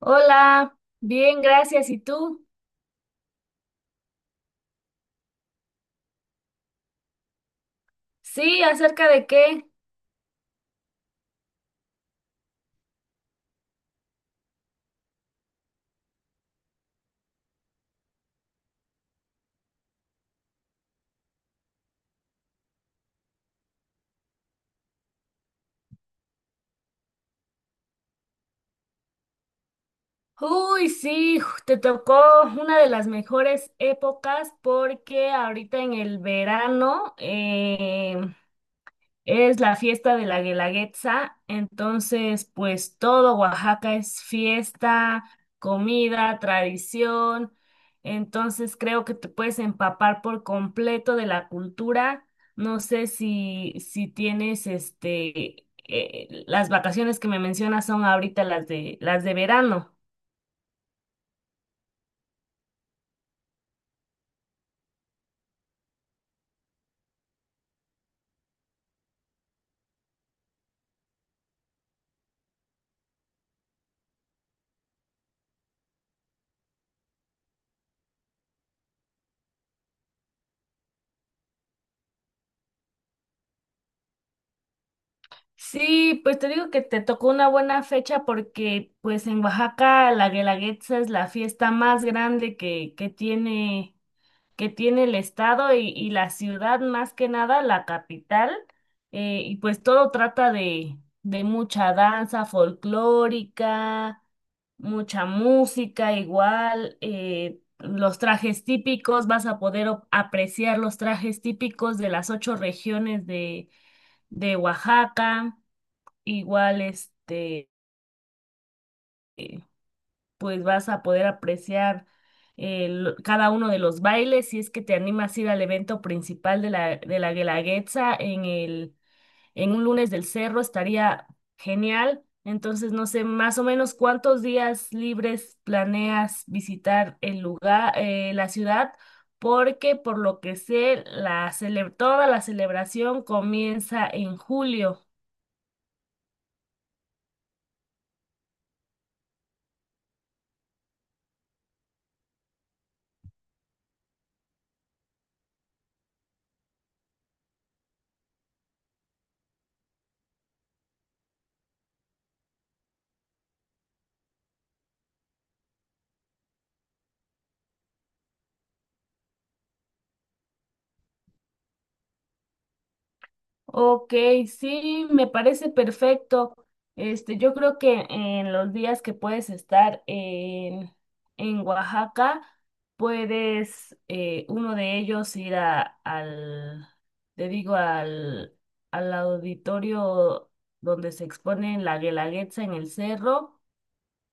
Hola, bien, gracias. ¿Y tú? Sí, ¿acerca de qué? Uy, sí, te tocó una de las mejores épocas porque ahorita en el verano es la fiesta de la Guelaguetza, entonces pues todo Oaxaca es fiesta, comida, tradición, entonces creo que te puedes empapar por completo de la cultura. No sé si tienes las vacaciones que me mencionas son ahorita las de verano. Sí, pues te digo que te tocó una buena fecha porque pues en Oaxaca la Guelaguetza es la fiesta más grande que tiene el estado y la ciudad, más que nada, la capital, y pues todo trata de mucha danza folclórica, mucha música igual, los trajes típicos, vas a poder apreciar los trajes típicos de las ocho regiones de Oaxaca, igual pues vas a poder apreciar cada uno de los bailes si es que te animas a ir al evento principal de la, Guelaguetza en el, en un lunes del cerro, estaría genial. Entonces, no sé, más o menos cuántos días libres planeas visitar el lugar, la ciudad, porque por lo que sé, la toda la celebración comienza en julio. Ok, sí, me parece perfecto. Yo creo que en los días que puedes estar en Oaxaca, puedes uno de ellos ir al, te digo, al auditorio donde se expone la Guelaguetza en el cerro.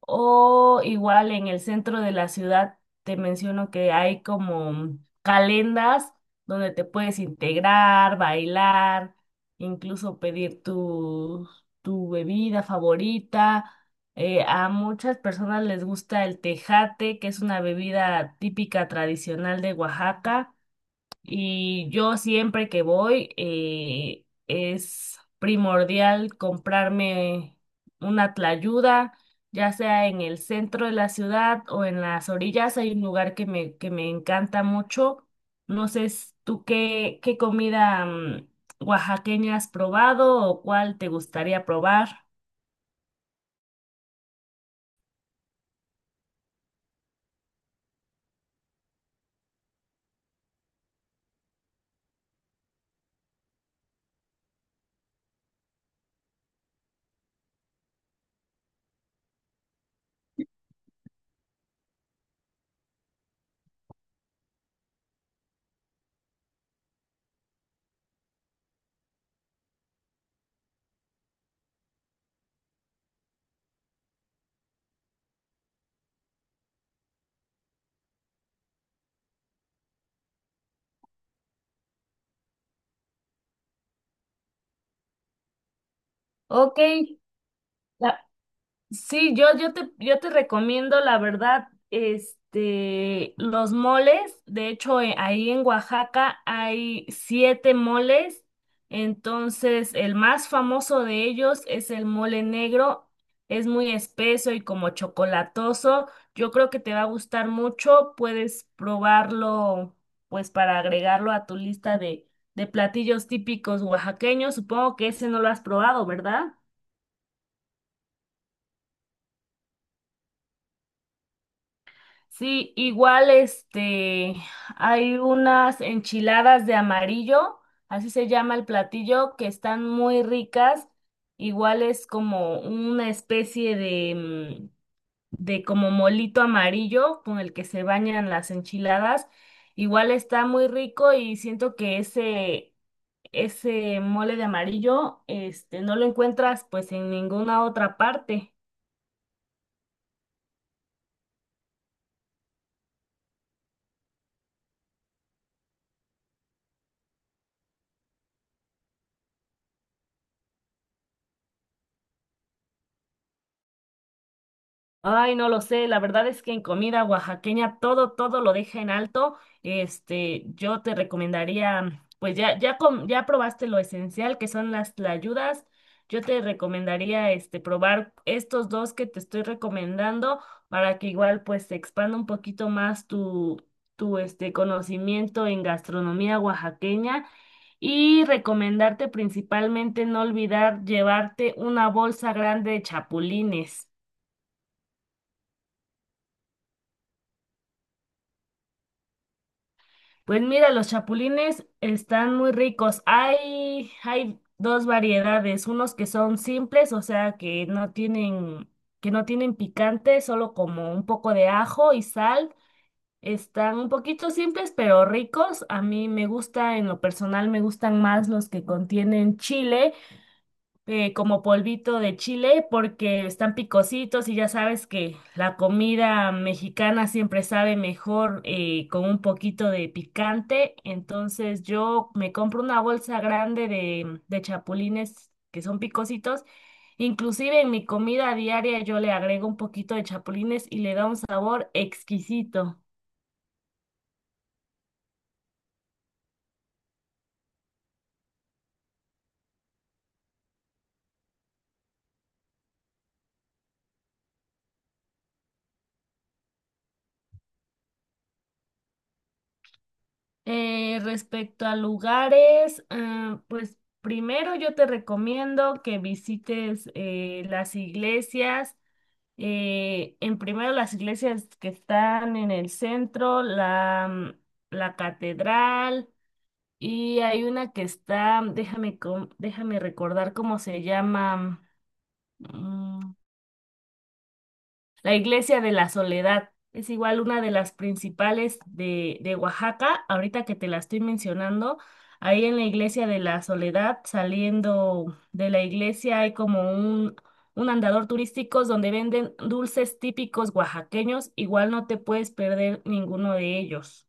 O igual en el centro de la ciudad te menciono que hay como calendas donde te puedes integrar, bailar, incluso pedir tu bebida favorita. A muchas personas les gusta el tejate, que es una bebida típica tradicional de Oaxaca. Y yo siempre que voy, es primordial comprarme una tlayuda, ya sea en el centro de la ciudad o en las orillas. Hay un lugar que me encanta mucho. No sé tú qué comida oaxaqueña has probado o cuál te gustaría probar. Ok, sí, yo te recomiendo, la verdad, los moles. De hecho, ahí en Oaxaca hay siete moles. Entonces, el más famoso de ellos es el mole negro. Es muy espeso y como chocolatoso. Yo creo que te va a gustar mucho. Puedes probarlo, pues, para agregarlo a tu lista de, platillos típicos oaxaqueños. Supongo que ese no lo has probado, ¿verdad? Sí, igual hay unas enchiladas de amarillo, así se llama el platillo, que están muy ricas. Igual es como una especie mm, de como molito amarillo con el que se bañan las enchiladas. Igual está muy rico y siento que ese mole de amarillo, no lo encuentras pues en ninguna otra parte. Ay, no lo sé, la verdad es que en comida oaxaqueña todo lo deja en alto. Yo te recomendaría, pues ya, ya, ya probaste lo esencial que son las tlayudas. Yo te recomendaría, probar estos dos que te estoy recomendando para que igual, pues, se expanda un poquito más tu conocimiento en gastronomía oaxaqueña. Y recomendarte principalmente no olvidar llevarte una bolsa grande de chapulines. Pues mira, los chapulines están muy ricos. Hay dos variedades, unos que son simples, o sea, que no tienen picante, solo como un poco de ajo y sal. Están un poquito simples, pero ricos. A mí me gusta, en lo personal, me gustan más los que contienen chile, como polvito de chile porque están picositos y ya sabes que la comida mexicana siempre sabe mejor, con un poquito de picante. Entonces yo me compro una bolsa grande de chapulines que son picositos. Inclusive en mi comida diaria yo le agrego un poquito de chapulines y le da un sabor exquisito. Respecto a lugares, ah, pues primero yo te recomiendo que visites las iglesias, en primero las iglesias que están en el centro, la catedral y hay una que está, déjame recordar cómo se llama, mm, la iglesia de la Soledad es igual una de las principales de Oaxaca. Ahorita que te la estoy mencionando, ahí en la iglesia de la Soledad, saliendo de la iglesia, hay como un andador turístico donde venden dulces típicos oaxaqueños. Igual no te puedes perder ninguno de ellos.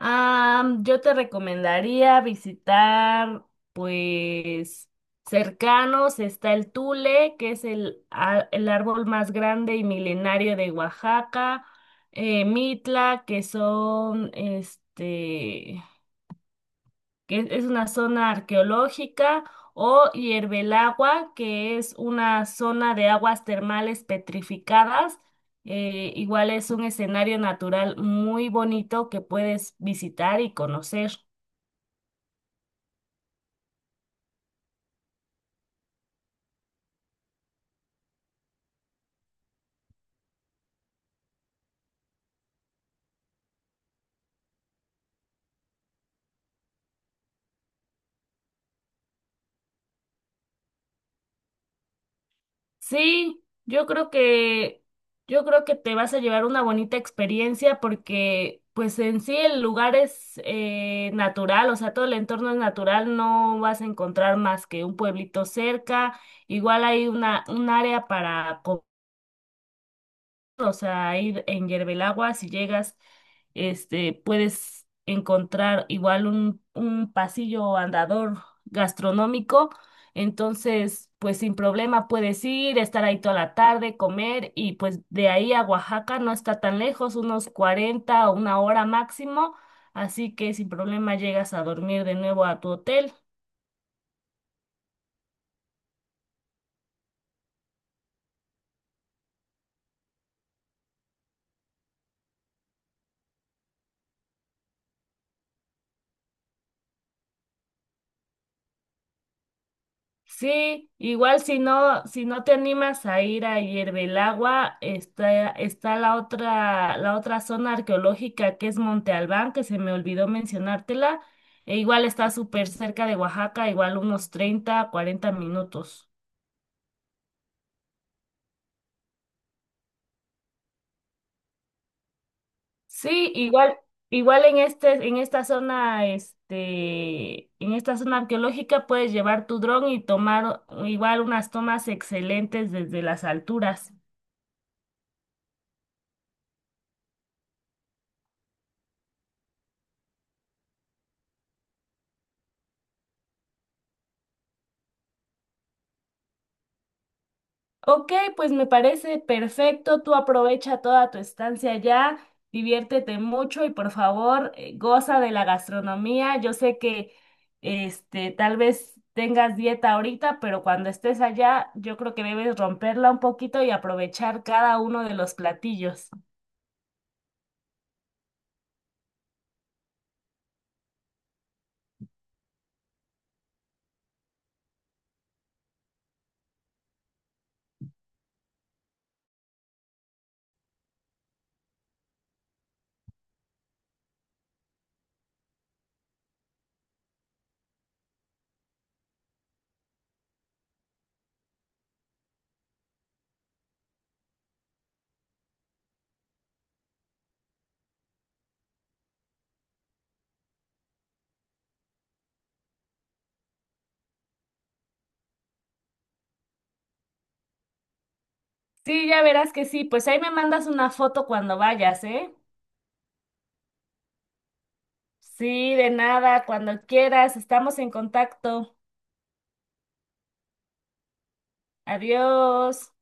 Yo te recomendaría visitar, pues, cercanos está el tule, que es el árbol más grande y milenario de Oaxaca, Mitla, que es una zona arqueológica, o Hierbelagua, que es una zona de aguas termales petrificadas. Igual es un escenario natural muy bonito que puedes visitar y conocer. Sí, yo creo que te vas a llevar una bonita experiencia porque, pues en sí el lugar es natural, o sea, todo el entorno es natural, no vas a encontrar más que un pueblito cerca. Igual hay un área para comer, o sea, ahí en Yerbelagua, si llegas, puedes encontrar igual un pasillo andador gastronómico, entonces, pues sin problema puedes ir, estar ahí toda la tarde, comer y pues de ahí a Oaxaca no está tan lejos, unos 40 o una hora máximo, así que sin problema llegas a dormir de nuevo a tu hotel. Sí, igual si no te animas a ir a Hiervelagua, está la otra zona arqueológica que es Monte Albán, que se me olvidó mencionártela, e igual está súper cerca de Oaxaca, igual unos 30, 40 minutos. Sí, igual en esta zona arqueológica puedes llevar tu dron y tomar igual unas tomas excelentes desde las alturas. Ok, pues me parece perfecto. Tú aprovecha toda tu estancia allá, diviértete mucho y por favor, goza de la gastronomía. Yo sé que tal vez tengas dieta ahorita, pero cuando estés allá, yo creo que debes romperla un poquito y aprovechar cada uno de los platillos. Sí, ya verás que sí. Pues ahí me mandas una foto cuando vayas, ¿eh? Sí, de nada, cuando quieras. Estamos en contacto. Adiós.